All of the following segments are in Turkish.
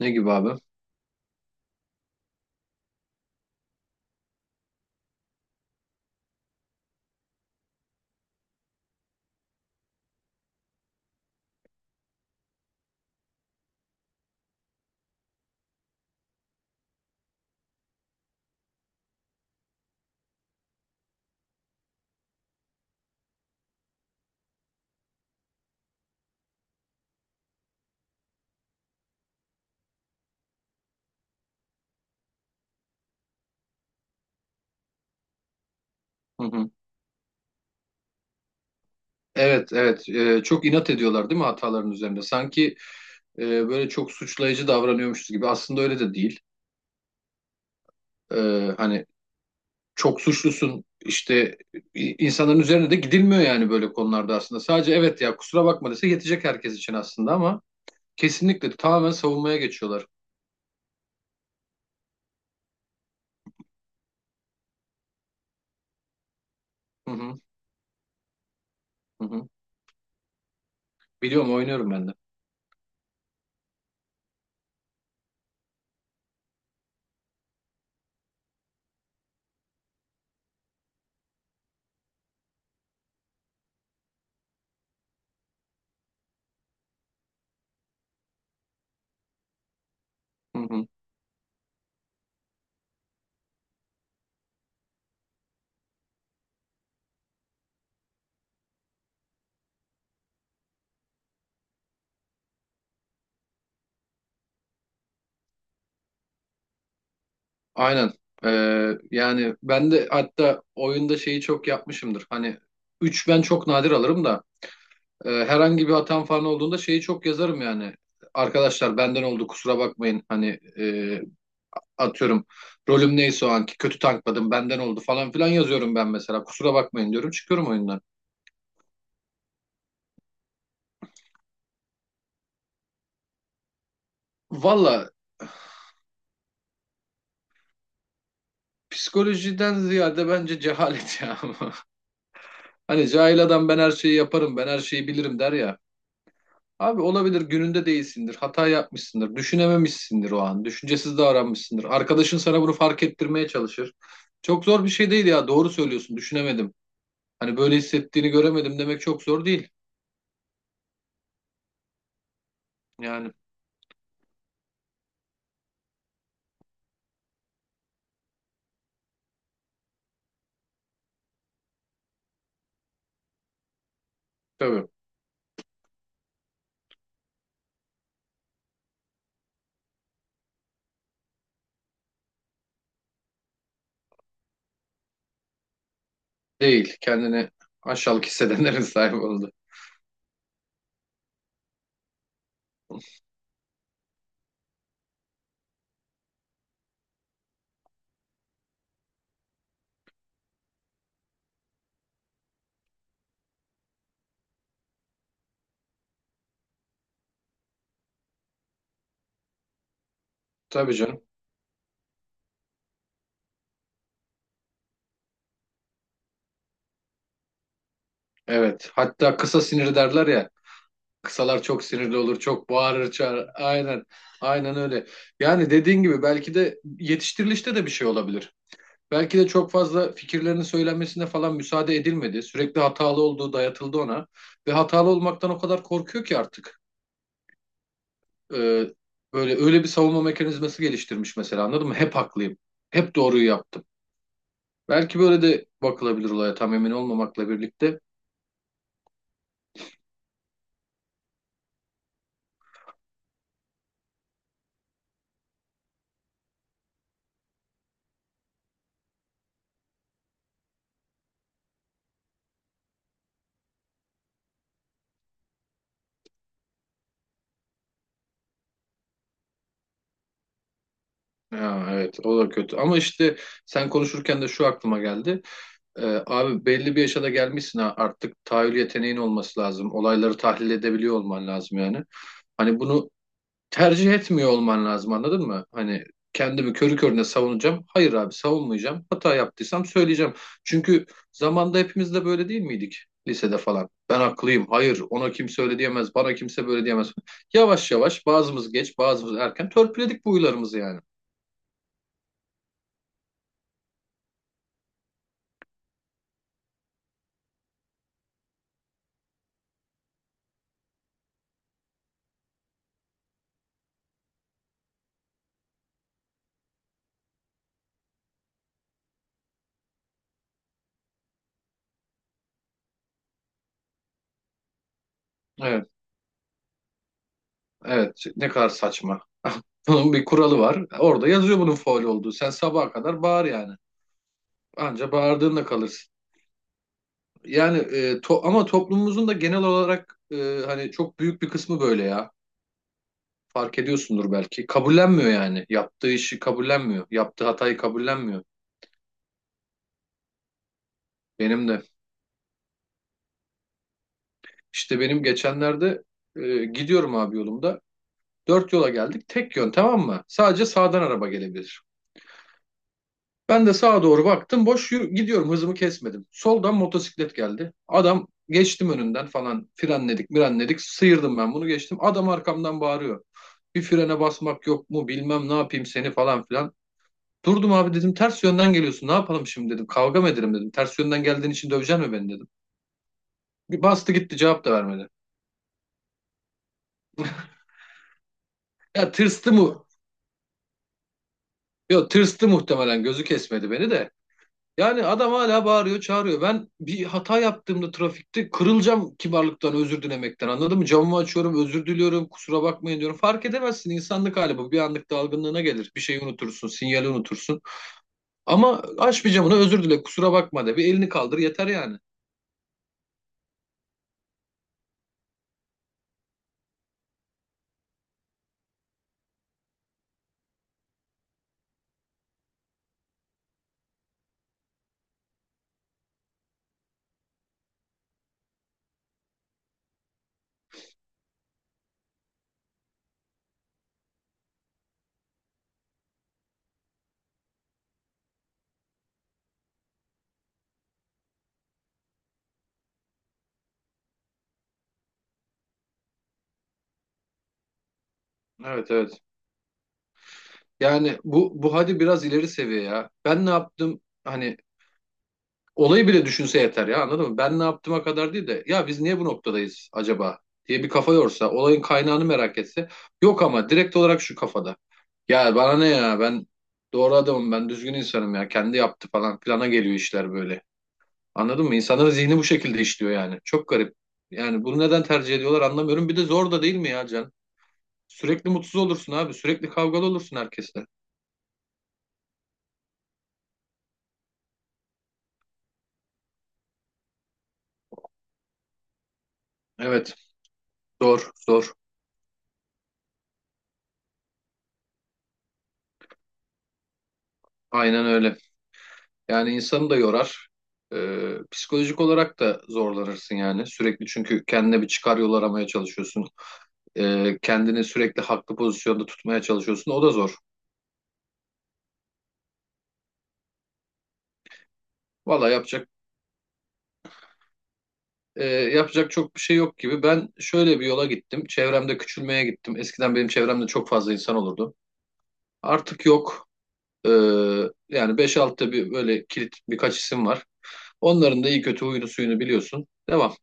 Ne gibi abi? Hı hı. Evet, evet. Çok inat ediyorlar değil mi hataların üzerinde? Sanki böyle çok suçlayıcı davranıyormuşuz gibi. Aslında öyle de değil. Hani çok suçlusun işte, insanların üzerine de gidilmiyor yani böyle konularda aslında. Sadece evet ya kusura bakma dese yetecek herkes için aslında, ama kesinlikle tamamen savunmaya geçiyorlar. Hı hı, hı hı. Biliyorum, oynuyorum ben de. Hı hı. Aynen. Yani ben de hatta oyunda şeyi çok yapmışımdır. Hani 3 ben çok nadir alırım da herhangi bir hatam falan olduğunda şeyi çok yazarım yani. Arkadaşlar benden oldu, kusura bakmayın. Hani atıyorum, rolüm neyse o anki, kötü tankladım, benden oldu falan filan yazıyorum ben mesela. Kusura bakmayın diyorum, çıkıyorum oyundan. Valla psikolojiden ziyade bence cehalet ya. Hani cahil adam ben her şeyi yaparım, ben her şeyi bilirim der ya. Abi olabilir, gününde değilsindir, hata yapmışsındır, düşünememişsindir o an, düşüncesiz davranmışsındır. Arkadaşın sana bunu fark ettirmeye çalışır. Çok zor bir şey değil ya, doğru söylüyorsun, düşünemedim. Hani böyle hissettiğini göremedim demek çok zor değil. Yani tabii değil. Kendini aşağılık hissedenlerin sahibi oldu. Tabii canım. Evet. Hatta kısa sinir derler ya. Kısalar çok sinirli olur, çok bağırır, çağırır. Aynen. Aynen öyle. Yani dediğin gibi belki de yetiştirilişte de bir şey olabilir. Belki de çok fazla fikirlerinin söylenmesine falan müsaade edilmedi. Sürekli hatalı olduğu dayatıldı ona. Ve hatalı olmaktan o kadar korkuyor ki artık. e, Böyle öyle bir savunma mekanizması geliştirmiş mesela, anladın mı? Hep haklıyım. Hep doğruyu yaptım. Belki böyle de bakılabilir olaya, tam emin olmamakla birlikte. Ya, evet, o da kötü ama işte sen konuşurken de şu aklıma geldi. Abi belli bir yaşa da gelmişsin ha, artık tahayyül yeteneğin olması lazım. Olayları tahlil edebiliyor olman lazım yani. Hani bunu tercih etmiyor olman lazım, anladın mı? Hani kendimi körü körüne savunacağım. Hayır abi, savunmayacağım. Hata yaptıysam söyleyeceğim. Çünkü zamanda hepimiz de böyle değil miydik? Lisede falan. Ben haklıyım. Hayır, ona kimse öyle diyemez. Bana kimse böyle diyemez. Yavaş yavaş, bazımız geç bazımız erken, törpüledik bu huylarımızı yani. Evet. Evet. Ne kadar saçma. Bunun bir kuralı var. Orada yazıyor bunun faul olduğu. Sen sabaha kadar bağır yani. Anca bağırdığında kalırsın. Yani ama toplumumuzun da genel olarak, hani çok büyük bir kısmı böyle ya. Fark ediyorsundur belki. Kabullenmiyor yani. Yaptığı işi kabullenmiyor. Yaptığı hatayı kabullenmiyor. Benim de. İşte benim geçenlerde gidiyorum abi yolumda. Dört yola geldik. Tek yön, tamam mı? Sadece sağdan araba gelebilir. Ben de sağa doğru baktım. Boş, gidiyorum. Hızımı kesmedim. Soldan motosiklet geldi. Adam, geçtim önünden falan. Frenledik, mirenledik. Sıyırdım ben, bunu geçtim. Adam arkamdan bağırıyor. Bir frene basmak yok mu? Bilmem ne yapayım seni falan filan. Durdum abi, dedim. Ters yönden geliyorsun. Ne yapalım şimdi, dedim. Kavga mı edelim, dedim. Ters yönden geldiğin için döveceksin mi beni, dedim. Bir bastı gitti, cevap da vermedi. Ya tırstı mı? Yok, tırstı muhtemelen. Gözü kesmedi beni de. Yani adam hala bağırıyor, çağırıyor. Ben bir hata yaptığımda trafikte kırılacağım kibarlıktan, özür dilemekten. Anladın mı? Camımı açıyorum, özür diliyorum, kusura bakmayın diyorum. Fark edemezsin, insanlık hali bu. Bir anlık dalgınlığına gelir. Bir şeyi unutursun, sinyali unutursun. Ama aç bir camını, özür dile, kusura bakma de. Bir elini kaldır, yeter yani. Evet, evet. Yani bu hadi biraz ileri seviye ya. Ben ne yaptım? Hani olayı bile düşünse yeter ya, anladın mı? Ben ne yaptığıma kadar değil de, ya biz niye bu noktadayız acaba diye bir kafa yorsa, olayın kaynağını merak etse. Yok, ama direkt olarak şu kafada. Ya bana ne, ya ben doğru adamım, ben düzgün insanım, ya kendi yaptı falan plana geliyor, işler böyle. Anladın mı? İnsanların zihni bu şekilde işliyor yani. Çok garip. Yani bunu neden tercih ediyorlar anlamıyorum. Bir de zor da değil mi ya Can? Sürekli mutsuz olursun abi. Sürekli kavgalı olursun herkesle. Evet. Zor. Zor. Aynen öyle. Yani insanı da yorar. Psikolojik olarak da zorlanırsın yani. Sürekli çünkü kendine bir çıkar yol aramaya çalışıyorsun. Kendini sürekli haklı pozisyonda tutmaya çalışıyorsun. O da zor. Valla yapacak çok bir şey yok gibi. Ben şöyle bir yola gittim. Çevremde küçülmeye gittim. Eskiden benim çevremde çok fazla insan olurdu. Artık yok. Ee, Yani beş 6da bir böyle kilit birkaç isim var. Onların da iyi kötü huyunu suyunu biliyorsun. Devam.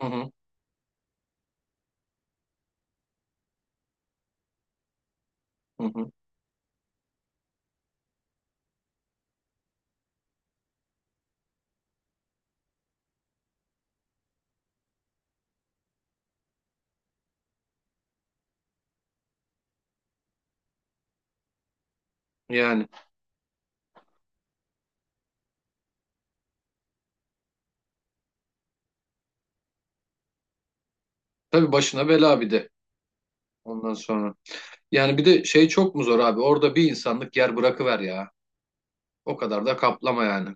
Hı hı, hı hı. Yani tabii başına bela bir de ondan sonra. Yani bir de şey, çok mu zor abi? Orada bir insanlık yer bırakıver ya. O kadar da kaplama yani.